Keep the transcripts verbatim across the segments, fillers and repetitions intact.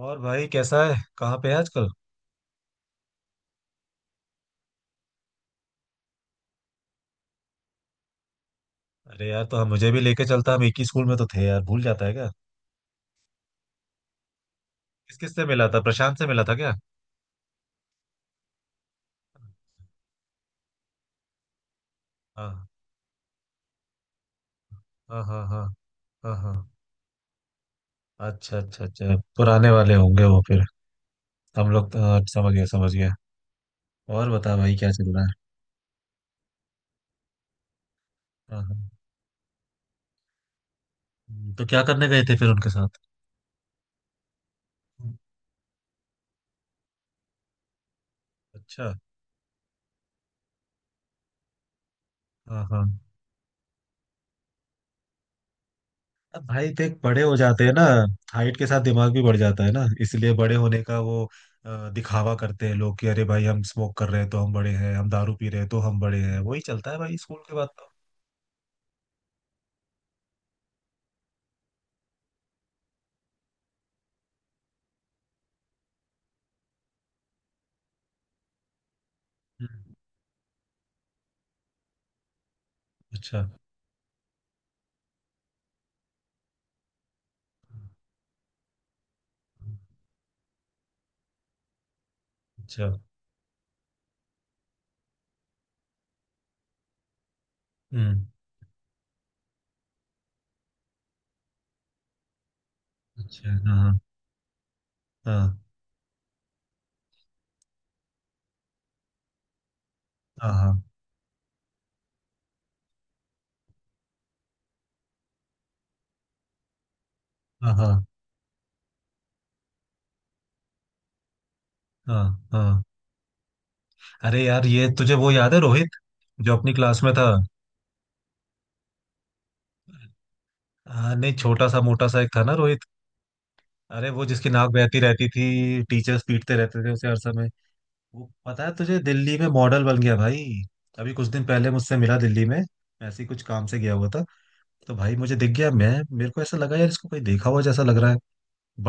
और भाई कैसा है? कहाँ पे है आजकल? अरे यार, तो हम मुझे भी लेके चलता। हम एक ही स्कूल में तो थे यार, भूल जाता है क्या? किस किस से मिला था? प्रशांत से मिला था क्या? हाँ, हाँ, हाँ। हाँ, हाँ, हाँ। अच्छा, अच्छा, अच्छा। पुराने वाले होंगे वो फिर। हम लोग तो, हाँ, समझ गए समझ गए। और बता भाई, क्या चल रहा है? हाँ, हाँ। तो क्या करने गए थे फिर उनके साथ? अच्छा। हाँ, हाँ। अब भाई देख, बड़े हो जाते हैं ना। हाइट के साथ दिमाग भी बढ़ जाता है ना, इसलिए बड़े होने का वो। अ, दिखावा करते हैं लोग कि, अरे भाई हम स्मोक कर रहे हैं तो हम बड़े हैं, हम दारू पी रहे हैं तो हम बड़े हैं। वही चलता है भाई स्कूल के बाद तो। हम्म। अच्छा, अच्छा। हम्म। अच्छा। हाँ, हाँ। हाँ, हाँ। हाँ, हाँ। हाँ, हाँ। अरे यार, ये तुझे वो याद है, रोहित जो अपनी क्लास में था? हाँ नहीं, छोटा सा मोटा सा एक था ना, रोहित। अरे वो, जिसकी नाक बहती रहती थी, टीचर्स पीटते रहते थे उसे हर समय। वो पता है तुझे, दिल्ली में मॉडल बन गया भाई। अभी कुछ दिन पहले मुझसे मिला दिल्ली में। मैं ऐसे ही कुछ काम से गया हुआ था। तो भाई मुझे दिख गया। मैं, मेरे को ऐसा लगा यार, इसको कोई देखा हुआ जैसा लग रहा है।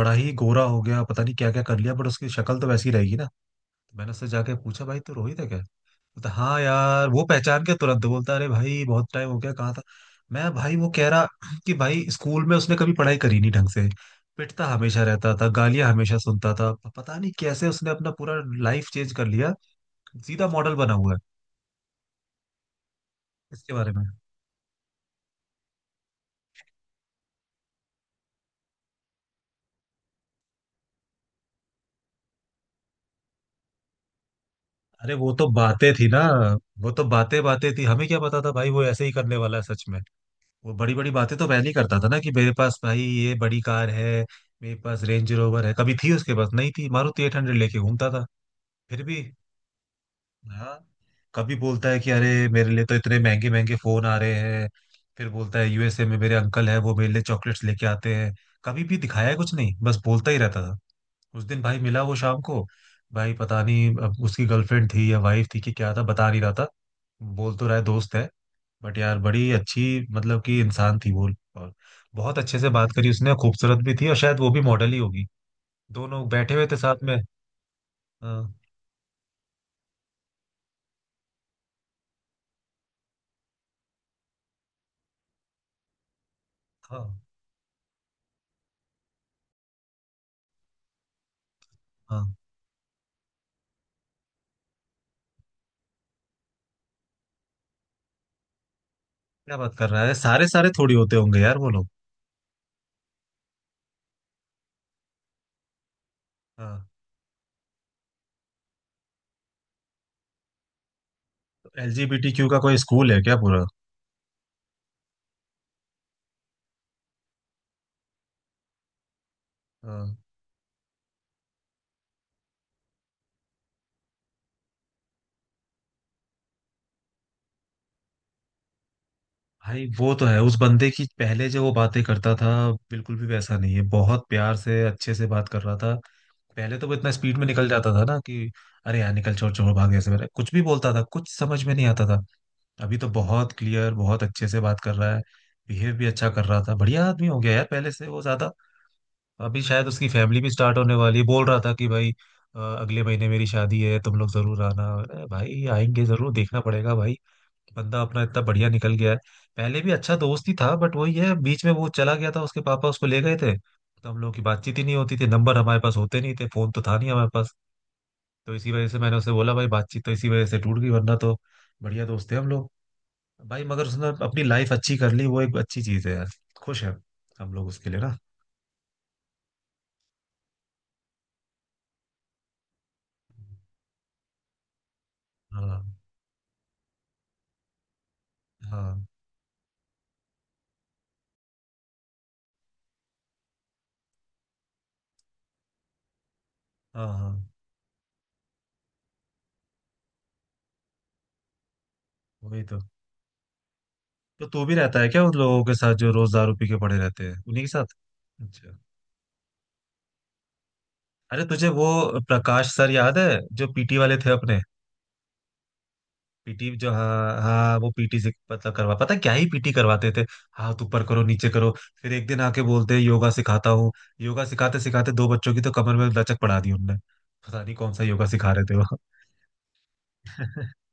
बड़ा ही गोरा हो गया, पता नहीं क्या क्या कर लिया, बट उसकी शक्ल तो वैसी ही रहेगी ना। तो मैंने उससे जाके पूछा, भाई तू रोहित है क्या? बोलता हाँ यार, वो पहचान के तुरंत बोलता, अरे भाई बहुत टाइम हो गया, कहाँ था। मैं भाई, वो कह रहा कि भाई, स्कूल में उसने कभी पढ़ाई करी नहीं ढंग से। पिटता हमेशा रहता था, गालियां हमेशा सुनता था, पता नहीं कैसे उसने अपना पूरा लाइफ चेंज कर लिया। सीधा मॉडल बना हुआ है। इसके बारे में, अरे वो तो बातें थी ना। वो तो बातें बातें थी, हमें क्या पता था भाई वो ऐसे ही करने वाला है सच में। वो बड़ी बड़ी बातें तो पहले ही करता था ना, कि मेरे पास भाई ये बड़ी कार है, मेरे पास रेंज रोवर है। कभी थी उसके पास? नहीं थी। मारुति एट हंड्रेड लेके घूमता था फिर भी। हाँ, कभी बोलता है कि अरे मेरे लिए तो इतने महंगे महंगे फोन आ रहे हैं। फिर बोलता है, यू एस ए में मेरे अंकल है, वो मेरे लिए चॉकलेट्स लेके आते हैं। कभी भी दिखाया कुछ नहीं, बस बोलता ही रहता था। उस दिन भाई मिला वो शाम को। भाई पता नहीं अब उसकी गर्लफ्रेंड थी या वाइफ थी, कि क्या था, बता नहीं रहा था। बोल तो रहा है दोस्त है। बट यार बड़ी अच्छी, मतलब कि इंसान थी वो। और बहुत अच्छे से बात करी उसने, खूबसूरत भी थी, और शायद वो भी मॉडल ही होगी। दोनों बैठे हुए थे साथ में। हाँ, हाँ, हाँ। क्या बात कर रहा है, सारे सारे थोड़ी होते होंगे यार वो लोग। हाँ। L G B T Q का कोई स्कूल है क्या पूरा? हाँ। भाई वो तो है, उस बंदे की पहले जो वो बातें करता था, बिल्कुल भी वैसा नहीं है। बहुत प्यार से अच्छे से बात कर रहा था। पहले तो वो इतना स्पीड में निकल जाता था ना कि, अरे यार निकल, छोड़ छोड़, भाग ऐसे मेरा कुछ भी बोलता था, कुछ समझ में नहीं आता था। अभी तो बहुत क्लियर, बहुत अच्छे से बात कर रहा है। बिहेव भी अच्छा कर रहा था, बढ़िया आदमी हो गया यार पहले से वो ज्यादा। अभी शायद उसकी फैमिली भी स्टार्ट होने वाली है, बोल रहा था कि भाई, अ, अगले महीने मेरी शादी है, तुम लोग जरूर आना। अरे भाई आएंगे जरूर, देखना पड़ेगा भाई। बंदा अपना इतना बढ़िया निकल गया है। पहले भी अच्छा दोस्त ही था, बट वही है, बीच में वो चला गया था, उसके पापा उसको ले गए थे। तो हम लोगों की बातचीत ही नहीं होती थी, नंबर हमारे पास होते नहीं थे, फोन तो था नहीं हमारे पास। तो इसी वजह से मैंने उसे बोला भाई, बातचीत तो इसी वजह से टूट गई, वरना तो बढ़िया दोस्त थे हम लोग। भाई मगर उसने अपनी लाइफ अच्छी कर ली, वो एक अच्छी चीज है यार। खुश है। हम लोग उसके लिए ना। हाँ, हाँ। हाँ, हाँ। वही तो। तो तू भी रहता है क्या उन लोगों के साथ जो रोज दारू पी के पड़े रहते हैं, उन्हीं के साथ? अच्छा। अरे तुझे वो प्रकाश सर याद है, जो पी टी वाले थे अपने? पीटी जो, हाँ, हाँ। वो पी टी से पता करवा, पता है क्या ही पी टी करवाते थे। हाथ ऊपर करो, नीचे करो। फिर एक दिन आके बोलते, योगा सिखाता हूँ। योगा सिखाते सिखाते दो बच्चों की तो कमर में लचक पड़ा दी उनने। पता नहीं कौन सा योगा सिखा रहे थे वो।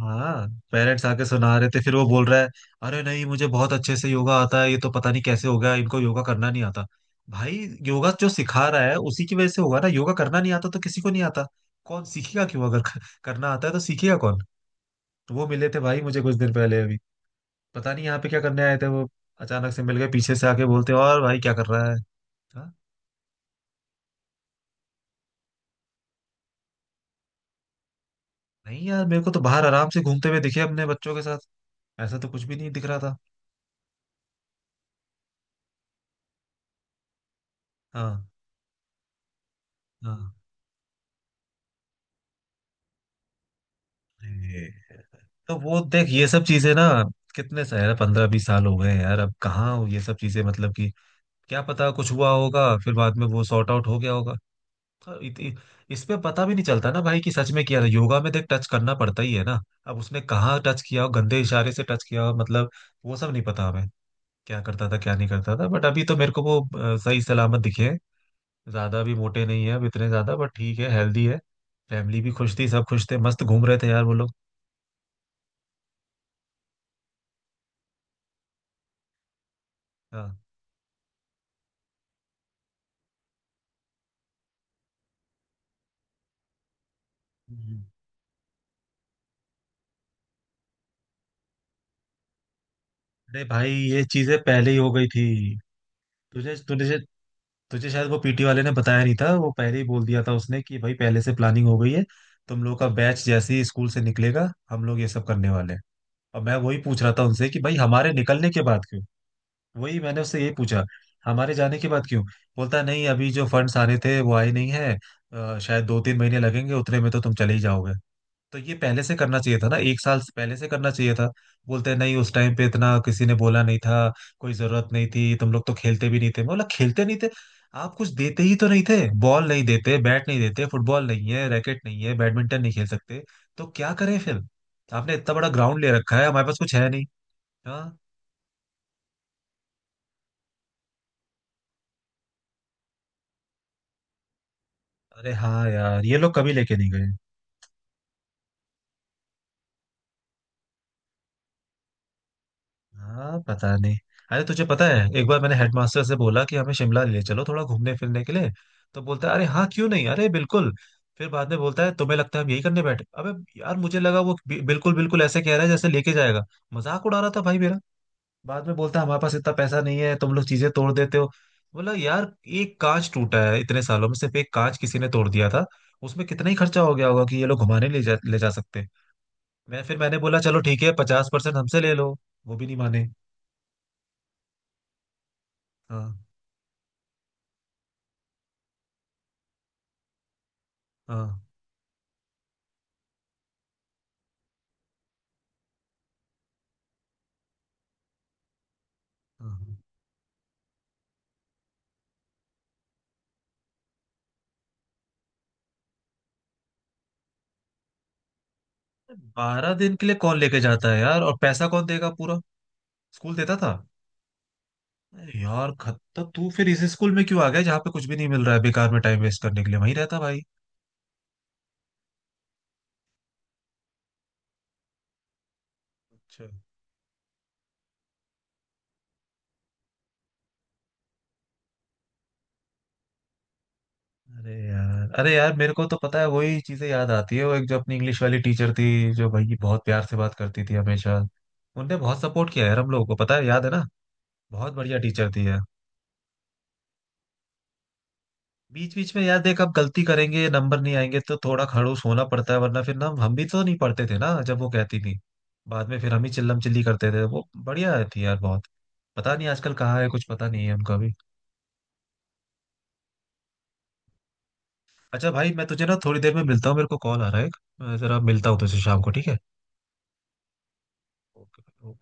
हाँ। पेरेंट्स आके सुना रहे थे, फिर वो बोल रहा है, अरे नहीं, मुझे बहुत अच्छे से योगा आता है, ये तो पता नहीं कैसे हो गया, इनको योगा करना नहीं आता। भाई, योगा जो सिखा रहा है उसी की वजह से होगा ना। योगा करना नहीं आता तो किसी को नहीं आता। कौन सीखेगा, क्यों? अगर क- करना आता है तो सीखेगा कौन? तो वो मिले थे भाई मुझे कुछ दिन पहले अभी। पता नहीं यहाँ पे क्या करने आए थे वो। अचानक से मिल गए, पीछे से आके बोलते, और भाई क्या कर रहा है। हाँ, नहीं यार, मेरे को तो बाहर आराम से घूमते हुए दिखे अपने बच्चों के साथ। ऐसा तो कुछ भी नहीं दिख रहा था। हाँ, हाँ। अरे, तो वो देख ये सब चीजें ना, कितने साल, पंद्रह बीस साल हो गए हैं यार। अब कहाँ हो ये सब चीजें, मतलब कि, क्या पता, कुछ हुआ होगा फिर बाद में वो सॉर्ट आउट हो गया होगा। हाँ। इत, इ- इस पे पता भी नहीं चलता ना भाई कि सच में किया था। योगा में देख टच करना पड़ता ही है ना। अब उसने कहाँ टच किया हो, गंदे इशारे से टच किया हो, मतलब वो सब नहीं पता हमें। क्या करता था क्या नहीं करता था, बट अभी तो मेरे को वो अ, सही सलामत दिखे हैं। ज्यादा भी मोटे नहीं है अब इतने ज्यादा, बट ठीक है, हेल्दी है। फैमिली भी खुश थी, सब खुश थे, मस्त घूम रहे थे यार वो लोग। हाँ। हम्म। अरे भाई, ये चीजें पहले ही हो गई थी। तुझे तुझे तुझे शायद वो पीटी वाले ने बताया नहीं था। वो पहले ही बोल दिया था उसने कि भाई, पहले से प्लानिंग हो गई है। तुम लोग का बैच जैसे ही स्कूल से निकलेगा, हम लोग ये सब करने वाले हैं। और मैं वही पूछ रहा था उनसे कि भाई, हमारे निकलने के बाद क्यों? वही मैंने उससे यही पूछा, हमारे जाने के बाद क्यों? बोलता है, नहीं अभी जो फंड्स आ रहे थे वो आए नहीं है। अ, शायद दो तीन महीने लगेंगे, उतने में तो तुम चले ही जाओगे। तो ये पहले से करना चाहिए था ना, एक साल से पहले से करना चाहिए था। बोलते हैं नहीं, उस टाइम पे इतना किसी ने बोला नहीं था, कोई जरूरत नहीं थी, तुम लोग तो खेलते भी नहीं थे। मैं बोला, खेलते नहीं थे? आप कुछ देते ही तो नहीं थे। बॉल नहीं देते, बैट नहीं देते, फुटबॉल नहीं है, रैकेट नहीं है, बैडमिंटन नहीं खेल सकते, तो क्या करें फिर? आपने इतना बड़ा ग्राउंड ले रखा है, हमारे पास कुछ है नहीं। हाँ। अरे हाँ यार, ये लोग कभी लेके नहीं गए। हाँ, पता नहीं। अरे तुझे पता है, एक बार मैंने हेडमास्टर से बोला कि हमें शिमला ले चलो थोड़ा घूमने फिरने के लिए। तो बोलता है, अरे हाँ क्यों नहीं, अरे बिल्कुल। फिर बाद में बोलता है, तुम्हें लगता है हम यही करने बैठे, अबे। यार मुझे लगा वो बि- बिल्कुल बिल्कुल ऐसे कह रहा है जैसे लेके जाएगा। मजाक उड़ा रहा था भाई मेरा। बाद में बोलता है, हमारे पास इतना पैसा नहीं है, तुम लोग चीजें तोड़ देते हो। बोला यार, एक कांच टूटा है इतने सालों में, सिर्फ एक कांच किसी ने तोड़ दिया था। उसमें कितना ही खर्चा हो गया होगा कि ये लोग घुमाने ले जा ले जा सकते। मैं, फिर मैंने बोला, चलो ठीक है, पचास परसेंट हमसे ले लो। वो भी नहीं माने। हाँ, हाँ। हाँ, हाँ। बारह दिन के लिए कौन लेके जाता है यार, और पैसा कौन देगा पूरा? स्कूल देता था? अरे यार खत्ता, तू फिर इस स्कूल में क्यों आ गया जहाँ पे कुछ भी नहीं मिल रहा है, बेकार में टाइम वेस्ट करने के लिए? वहीं रहता भाई। अच्छा। अरे यार, अरे यार, मेरे को तो पता है वही चीजें याद आती है, वो एक जो अपनी इंग्लिश वाली टीचर थी, जो भाई बहुत प्यार से बात करती थी हमेशा। उनने बहुत सपोर्ट किया यार हम लोगों को, पता है, याद है ना। बहुत बढ़िया टीचर थी। बीच बीच में यार देख, अब गलती करेंगे नंबर नहीं आएंगे तो थोड़ा खड़ूस होना पड़ता है, वरना फिर ना, हम भी तो नहीं पढ़ते थे ना जब वो कहती थी। बाद में फिर हम ही चिल्लम चिल्ली करते थे। वो बढ़िया थी यार बहुत। पता नहीं आजकल कहाँ है, कुछ पता नहीं है उनका भी। अच्छा भाई, मैं तुझे ना थोड़ी देर में मिलता हूँ, मेरे को कॉल आ रहा है एक, मैं जरा मिलता हूँ तुझसे शाम को, ठीक है? ओके।